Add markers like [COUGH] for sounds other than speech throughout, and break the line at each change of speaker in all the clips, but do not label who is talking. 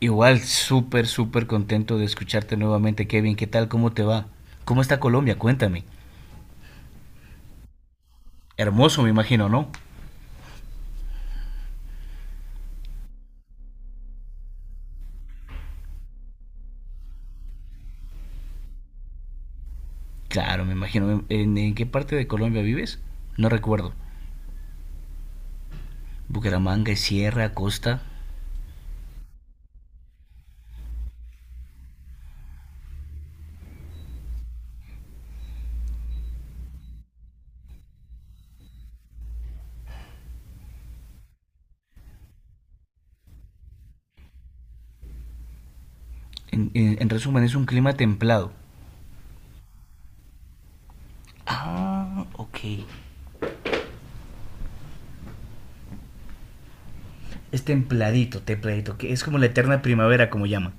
Igual, súper, súper contento de escucharte nuevamente, Kevin. ¿Qué tal? ¿Cómo te va? ¿Cómo está Colombia? Cuéntame. Hermoso, me imagino, ¿no? Claro, me imagino. ¿En qué parte de Colombia vives? No recuerdo. ¿Bucaramanga, es Sierra, Costa? En resumen, es un clima templado. Ah, ok. Es templadito, templadito, que es como la eterna primavera, como llaman.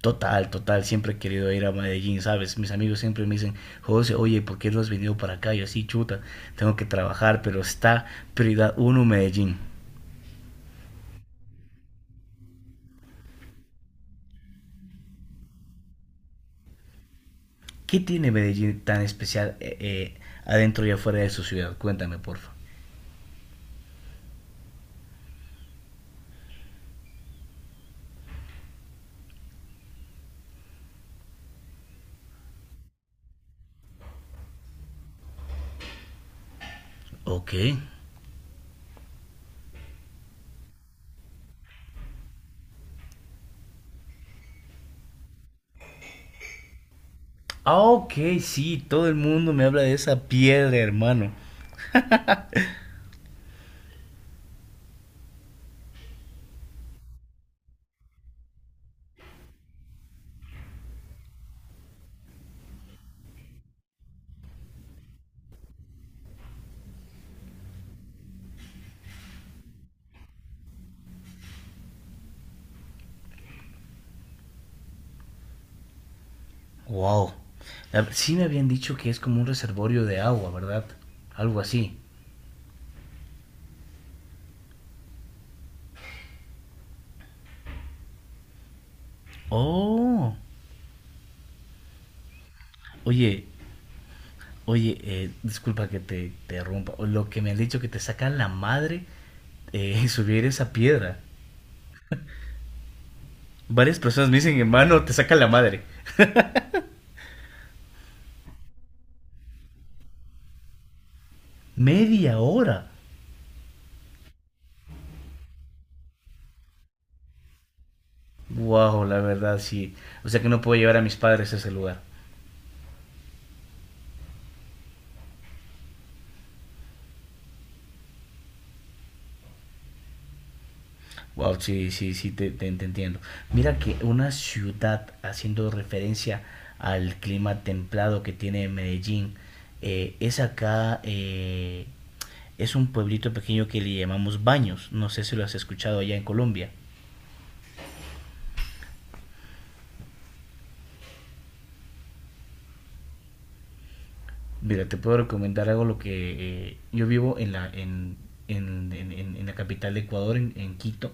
Total, total, siempre he querido ir a Medellín, ¿sabes? Mis amigos siempre me dicen, "José, oye, ¿por qué no has venido para acá?" Yo así, chuta, tengo que trabajar, pero está prioridad uno Medellín. ¿Qué tiene Medellín tan especial, adentro y afuera de su ciudad? Cuéntame, porfa. Ok. Ah, ok, sí, todo el mundo me habla de esa piedra, hermano. Wow. La- Sí me habían dicho que es como un reservorio de agua, ¿verdad? Algo así. Oh. Oye, Oye, disculpa que te interrumpa. Lo que me han dicho que te sacan la madre, [LAUGHS] subir esa piedra. Varias personas me dicen, "Hermano, te sacan la madre." Media hora. Wow, la verdad sí. O sea que no puedo llevar a mis padres a ese lugar. Wow, sí, sí, sí, te entiendo. Mira que una ciudad, haciendo referencia al clima templado que tiene Medellín, es acá, es un pueblito pequeño que le llamamos Baños. No sé si lo has escuchado allá en Colombia. Mira, te puedo recomendar algo lo que yo vivo en la capital de Ecuador, en Quito.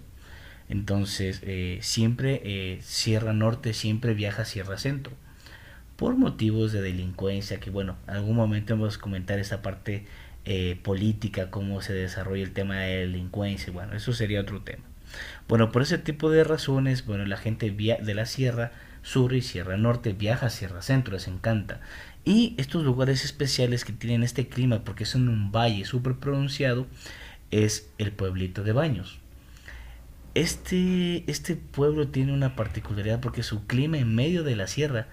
Entonces, siempre Sierra Norte, siempre viaja a Sierra Centro. Por motivos de delincuencia, que bueno, en algún momento vamos a comentar esa parte política, cómo se desarrolla el tema de delincuencia, bueno, eso sería otro tema. Bueno, por ese tipo de razones, bueno, la gente via de la Sierra Sur y Sierra Norte viaja a Sierra Centro, les encanta. Y estos lugares especiales que tienen este clima, porque son un valle súper pronunciado, es el pueblito de Baños. Este pueblo tiene una particularidad porque su clima en medio de la sierra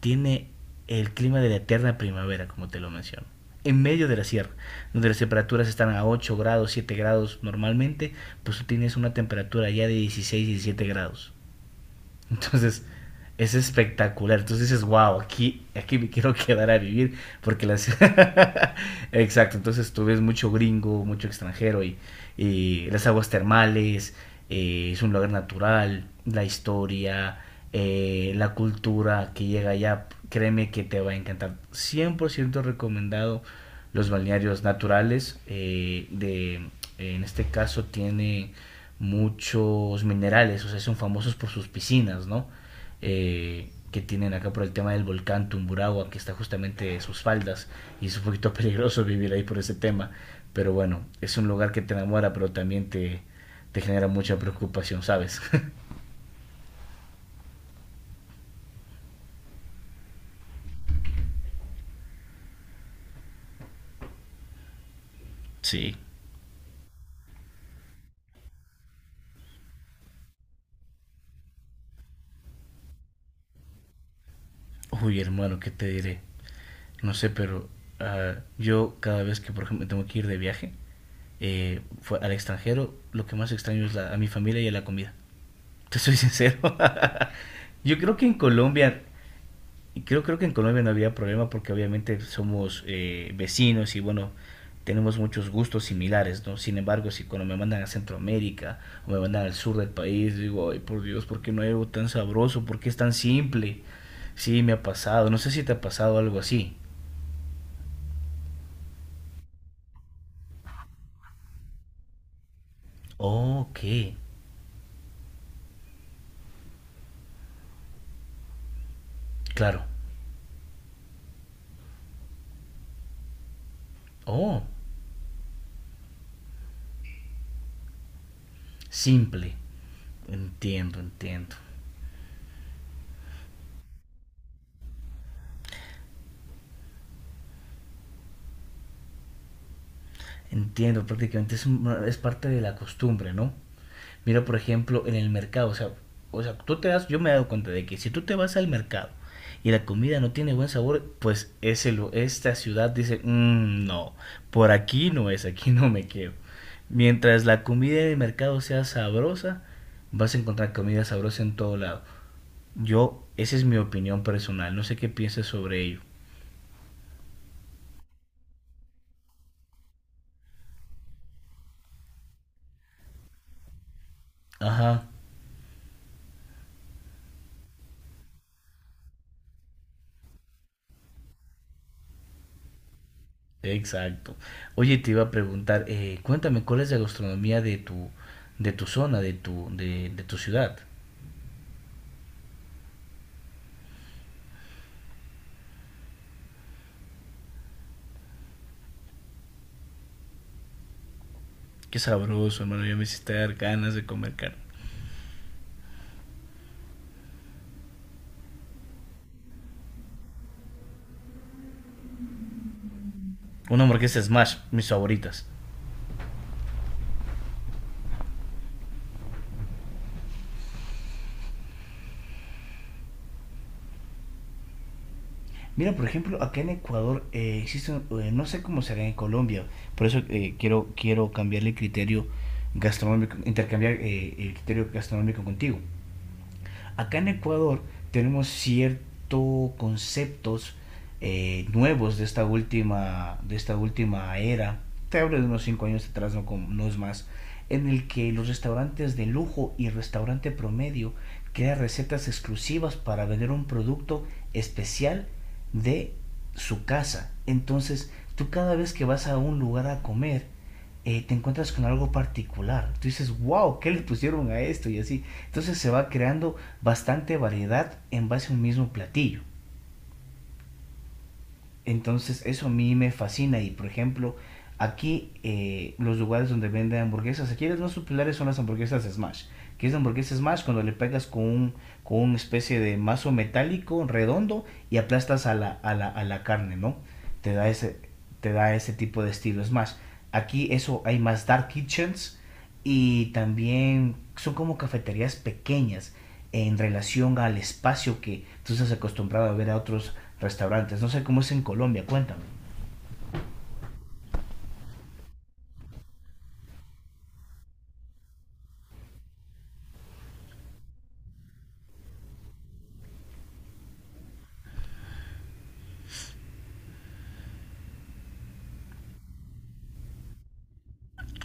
tiene el clima de la eterna primavera, como te lo menciono. En medio de la sierra, donde las temperaturas están a 8 grados, 7 grados normalmente, pues tú tienes una temperatura ya de 16 17 grados. Entonces, es espectacular. Entonces dices, wow, aquí, aquí me quiero [LAUGHS] quedar a vivir porque las... [LAUGHS] Exacto, entonces tú ves mucho gringo, mucho extranjero y las aguas termales, es un lugar natural, la historia, la cultura que llega allá, créeme que te va a encantar. 100% recomendado los balnearios naturales, en este caso tiene muchos minerales, o sea, son famosos por sus piscinas, ¿no? Que tienen acá por el tema del volcán Tumburagua, que está justamente en sus faldas, y es un poquito [LAUGHS] peligroso vivir ahí por ese tema, pero bueno, es un lugar que te enamora, pero también te genera mucha preocupación, ¿sabes? [LAUGHS] Sí. Uy, hermano, ¿qué te diré? No sé, pero yo cada vez que, por ejemplo, tengo que ir de viaje, fue al extranjero, lo que más extraño es a mi familia y a la comida. Te soy sincero. [LAUGHS] Yo creo que en Colombia, creo que en Colombia no había problema porque obviamente somos vecinos y bueno, tenemos muchos gustos similares, ¿no? Sin embargo, si cuando me mandan a Centroamérica o me mandan al sur del país, digo, "Ay, por Dios, ¿por qué no hay algo tan sabroso? ¿Por qué es tan simple?" Sí, me ha pasado. No sé si te ha pasado algo así. Ok, claro. Oh, simple. Entiendo, entiendo. Entiendo, prácticamente es, un- es parte de la costumbre, ¿no? Mira, por ejemplo, en el mercado, o sea, tú te das, yo me he dado cuenta de que si tú te vas al mercado y la comida no tiene buen sabor, pues ese, lu- esta ciudad dice, "Mm, no, por aquí no es, aquí no me quedo". Mientras la comida del mercado sea sabrosa, vas a encontrar comida sabrosa en todo lado. Yo, esa es mi opinión personal, no sé qué piensas sobre ello. Ajá, exacto. Oye, te iba a preguntar, cuéntame, ¿cuál es la gastronomía de tu zona, de tu ciudad? Qué sabroso, hermano. Ya me hiciste dar ganas de comer carne. Una hamburguesa Smash, mis favoritas. Mira, por ejemplo, acá en Ecuador existe, no sé cómo será en Colombia, por eso quiero cambiarle el criterio gastronómico, intercambiar el criterio gastronómico contigo. Acá en Ecuador tenemos ciertos conceptos nuevos de esta última era. Te hablo de unos 5 años atrás, no, no es más, en el que los restaurantes de lujo y restaurante promedio crean recetas exclusivas para vender un producto especial de su casa. Entonces, tú cada vez que vas a un lugar a comer, te encuentras con algo particular. Tú dices, wow, ¿qué le pusieron a esto? Y así. Entonces se va creando bastante variedad en base a un mismo platillo. Entonces eso a mí me fascina y por ejemplo aquí los lugares donde venden hamburguesas, aquí las más populares son las hamburguesas Smash. Que es la hamburguesa Smash cuando le pegas con una especie de mazo metálico redondo y aplastas a la carne, ¿no? Te da, ese, te da ese tipo de estilo Smash. Aquí eso hay más Dark Kitchens y también son como cafeterías pequeñas en relación al espacio que tú estás acostumbrado a ver a otros restaurantes. No sé cómo es en Colombia, cuéntame.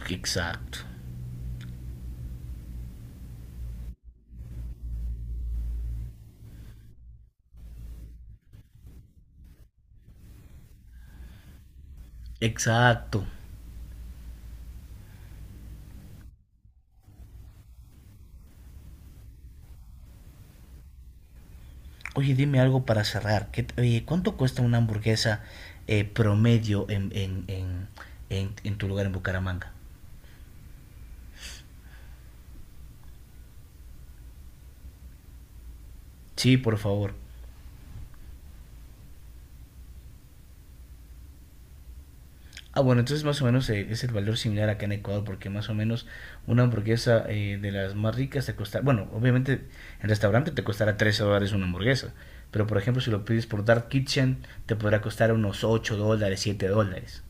Exacto, exacto. Oye, dime algo para cerrar. ¿Qué, oye, cuánto cuesta una hamburguesa promedio en tu lugar en Bucaramanga? Sí, por favor. Ah, bueno, entonces más o menos es el valor similar acá en Ecuador, porque más o menos una hamburguesa, de las más ricas te costará, bueno, obviamente en restaurante te costará $13 una hamburguesa, pero por ejemplo si lo pides por Dark Kitchen te podrá costar unos $8, $7.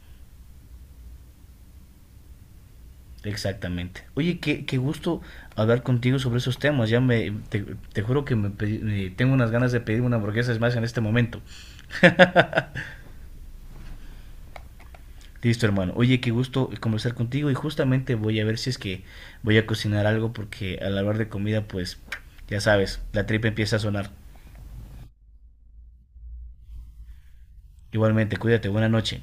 Exactamente. Oye, qué gusto hablar contigo sobre esos temas. Te juro que tengo unas ganas de pedir una hamburguesa. Es más, en este momento. Listo, hermano. Oye, qué gusto conversar contigo y justamente voy a ver si es que voy a cocinar algo porque al hablar de comida, pues ya sabes, la tripa empieza a sonar. Igualmente, cuídate, buena noche.